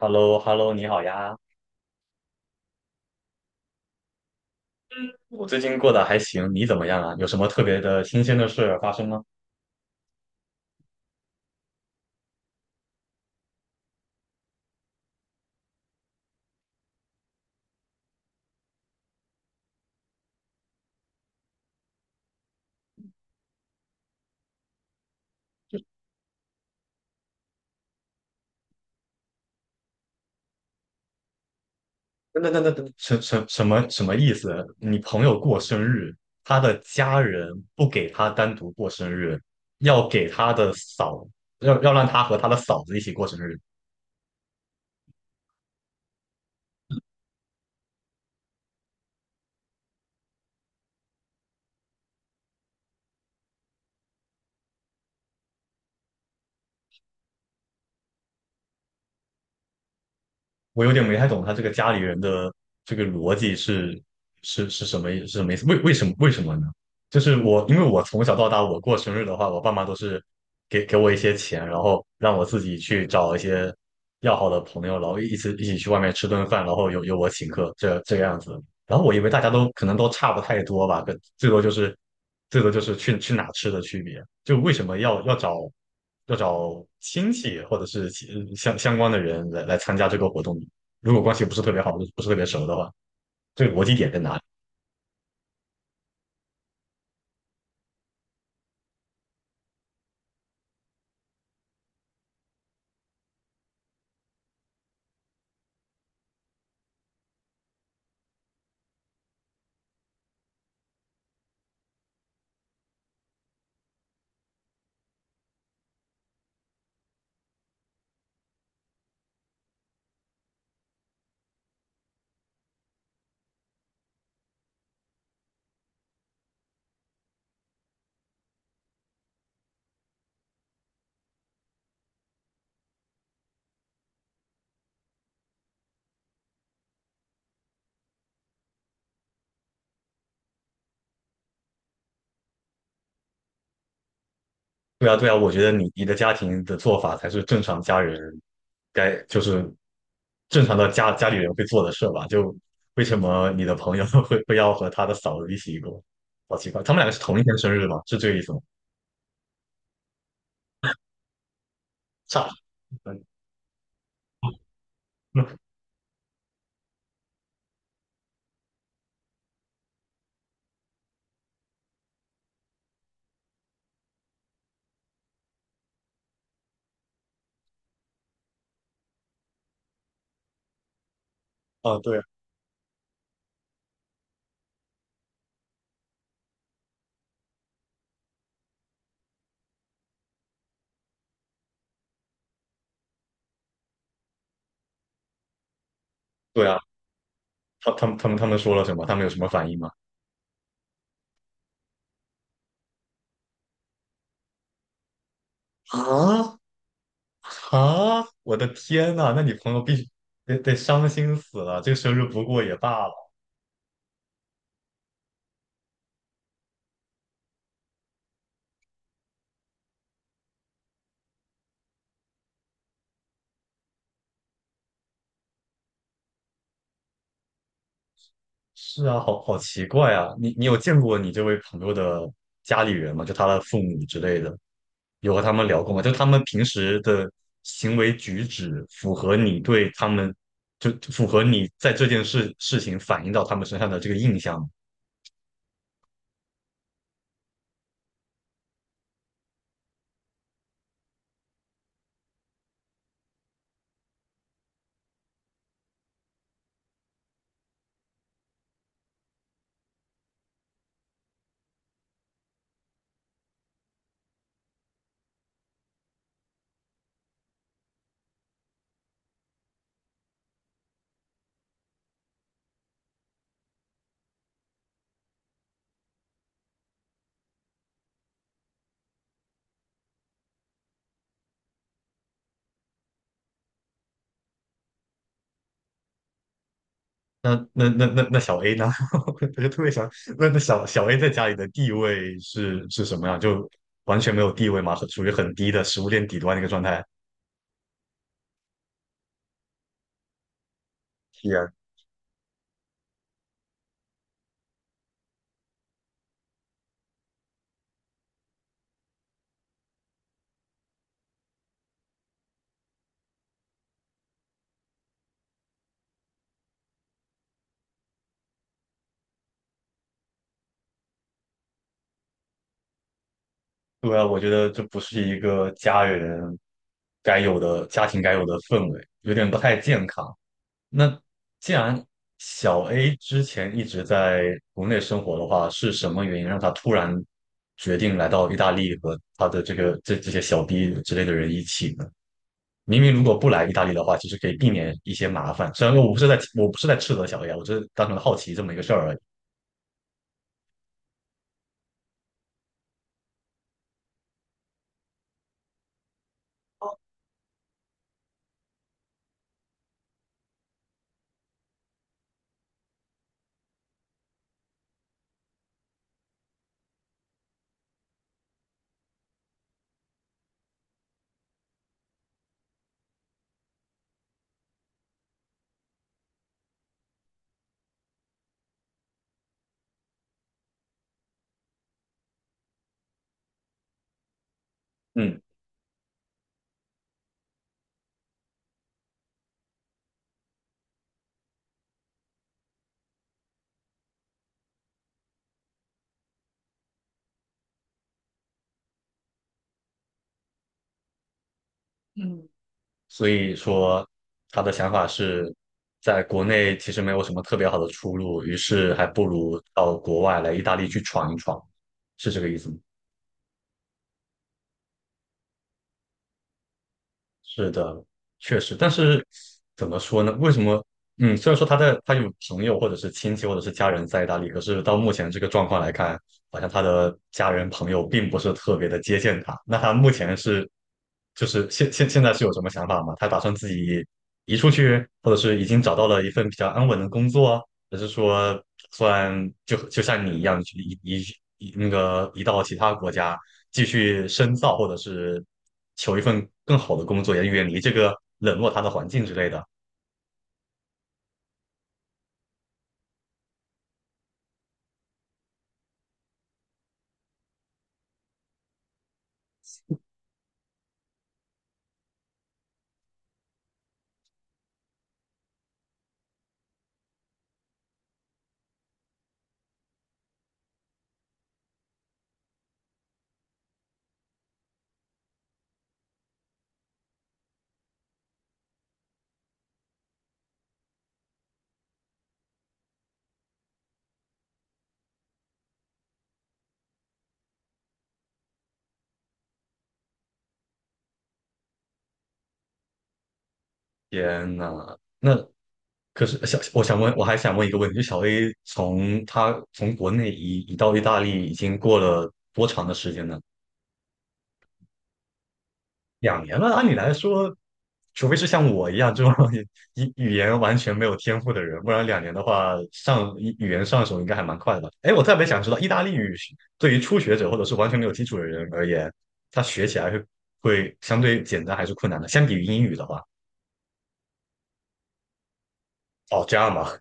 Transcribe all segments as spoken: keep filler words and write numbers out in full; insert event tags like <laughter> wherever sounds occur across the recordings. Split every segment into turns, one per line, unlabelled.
h e l l o h e l l o 你好呀，我最近过得还行，你怎么样啊？有什么特别的新鲜的事发生吗？等等等等等，什什什么什么意思？你朋友过生日，他的家人不给他单独过生日，要给他的嫂，要要让他和他的嫂子一起过生日。我有点没太懂他这个家里人的这个逻辑是是是什么意是什么意思？为为什么为什么呢？就是我因为我从小到大，我过生日的话，我爸妈都是给给我一些钱，然后让我自己去找一些要好的朋友，然后一起一起去外面吃顿饭，然后由由我请客，这这个样子。然后我以为大家都可能都差不太多吧，可最多就是最多就是去去哪吃的区别。就为什么要要找？要找亲戚或者是其相相关的人来来参加这个活动。如果关系不是特别好，不是不是特别熟的话，这个逻辑点在哪里？对啊，对啊，我觉得你你的家庭的做法才是正常家人该就是正常的家家里人会做的事吧？就为什么你的朋友 <laughs> 会会要和他的嫂子一起过？好奇怪，他们两个是同一天生日吗？是这个意思吗？差嗯，<laughs> 啊，对啊对啊，他他们他们他们说了什么？他们有什么反应吗？啊，啊！我的天呐，那你朋友必须得得伤心死了，这个生日不过也罢了。是啊，好好奇怪啊！你你有见过你这位朋友的家里人吗？就他的父母之类的，有和他们聊过吗？就他们平时的行为举止符合你对他们，就就符合你在这件事事情反映到他们身上的这个印象吗？那那那那那小 A 呢？<laughs> 我就特别想，那那小小 A 在家里的地位是是什么样？就完全没有地位嘛，很属于很低的食物链底端的一个状态。是天，对啊，我觉得这不是一个家人该有的家庭该有的氛围，有点不太健康。那既然小 A 之前一直在国内生活的话，是什么原因让他突然决定来到意大利和他的这个这这些小弟之类的人一起呢？明明如果不来意大利的话，其实可以避免一些麻烦。虽然说我不是在我不是在斥责小 A 啊，我只是单纯好奇这么一个事儿而已。嗯，所以说他的想法是，在国内其实没有什么特别好的出路，于是还不如到国外来意大利去闯一闯，是这个意思吗？是的，确实，但是怎么说呢？为什么？嗯，虽然说他在他有朋友或者是亲戚或者是家人在意大利，可是到目前这个状况来看，好像他的家人朋友并不是特别的接见他。那他目前是，就是现现现在是有什么想法吗？他打算自己移出去，或者是已经找到了一份比较安稳的工作啊还是说打算就就像你一样移移移那个移到其他国家，继续深造，或者是求一份更好的工作，也远离这个冷落他的环境之类的。天呐，那可是小，我想问，我还想问一个问题，就小 A 从他从国内移移到意大利已经过了多长的时间呢？两年了，按理来说，除非是像我一样这种 <laughs> 语语言完全没有天赋的人，不然两年的话，上语语言上手应该还蛮快的吧？哎，我特别想知道，意大利语是对于初学者或者是完全没有基础的人而言，他学起来是会相对简单还是困难的？相比于英语的话，哦，这样吧，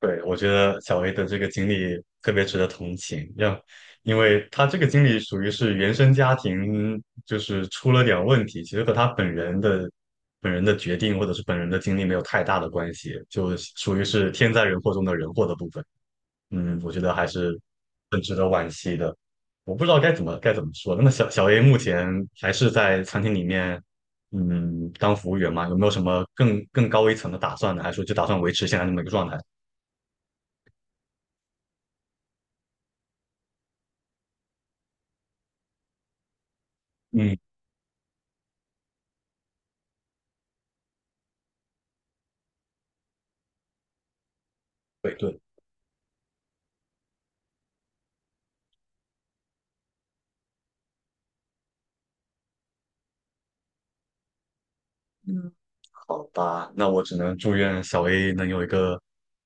对，我觉得小 A 的这个经历特别值得同情，要，因为他这个经历属于是原生家庭，就是出了点问题，其实和他本人的本人的决定或者是本人的经历没有太大的关系，就属于是天灾人祸中的人祸的部分。嗯，我觉得还是很值得惋惜的。我不知道该怎么该怎么说。那么小小 A 目前还是在餐厅里面，嗯，当服务员吗？有没有什么更更高一层的打算呢？还是说就打算维持现在这么一个状态？嗯。对对，嗯，好吧，那我只能祝愿小 A 能有一个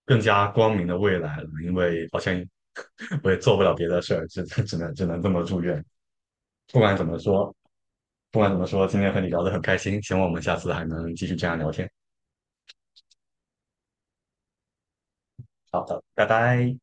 更加光明的未来了，因为好像 <laughs> 我也做不了别的事儿，只只能只能这么祝愿。不管怎么说，不管怎么说，今天和你聊得很开心，希望我们下次还能继续这样聊天。好的，拜拜。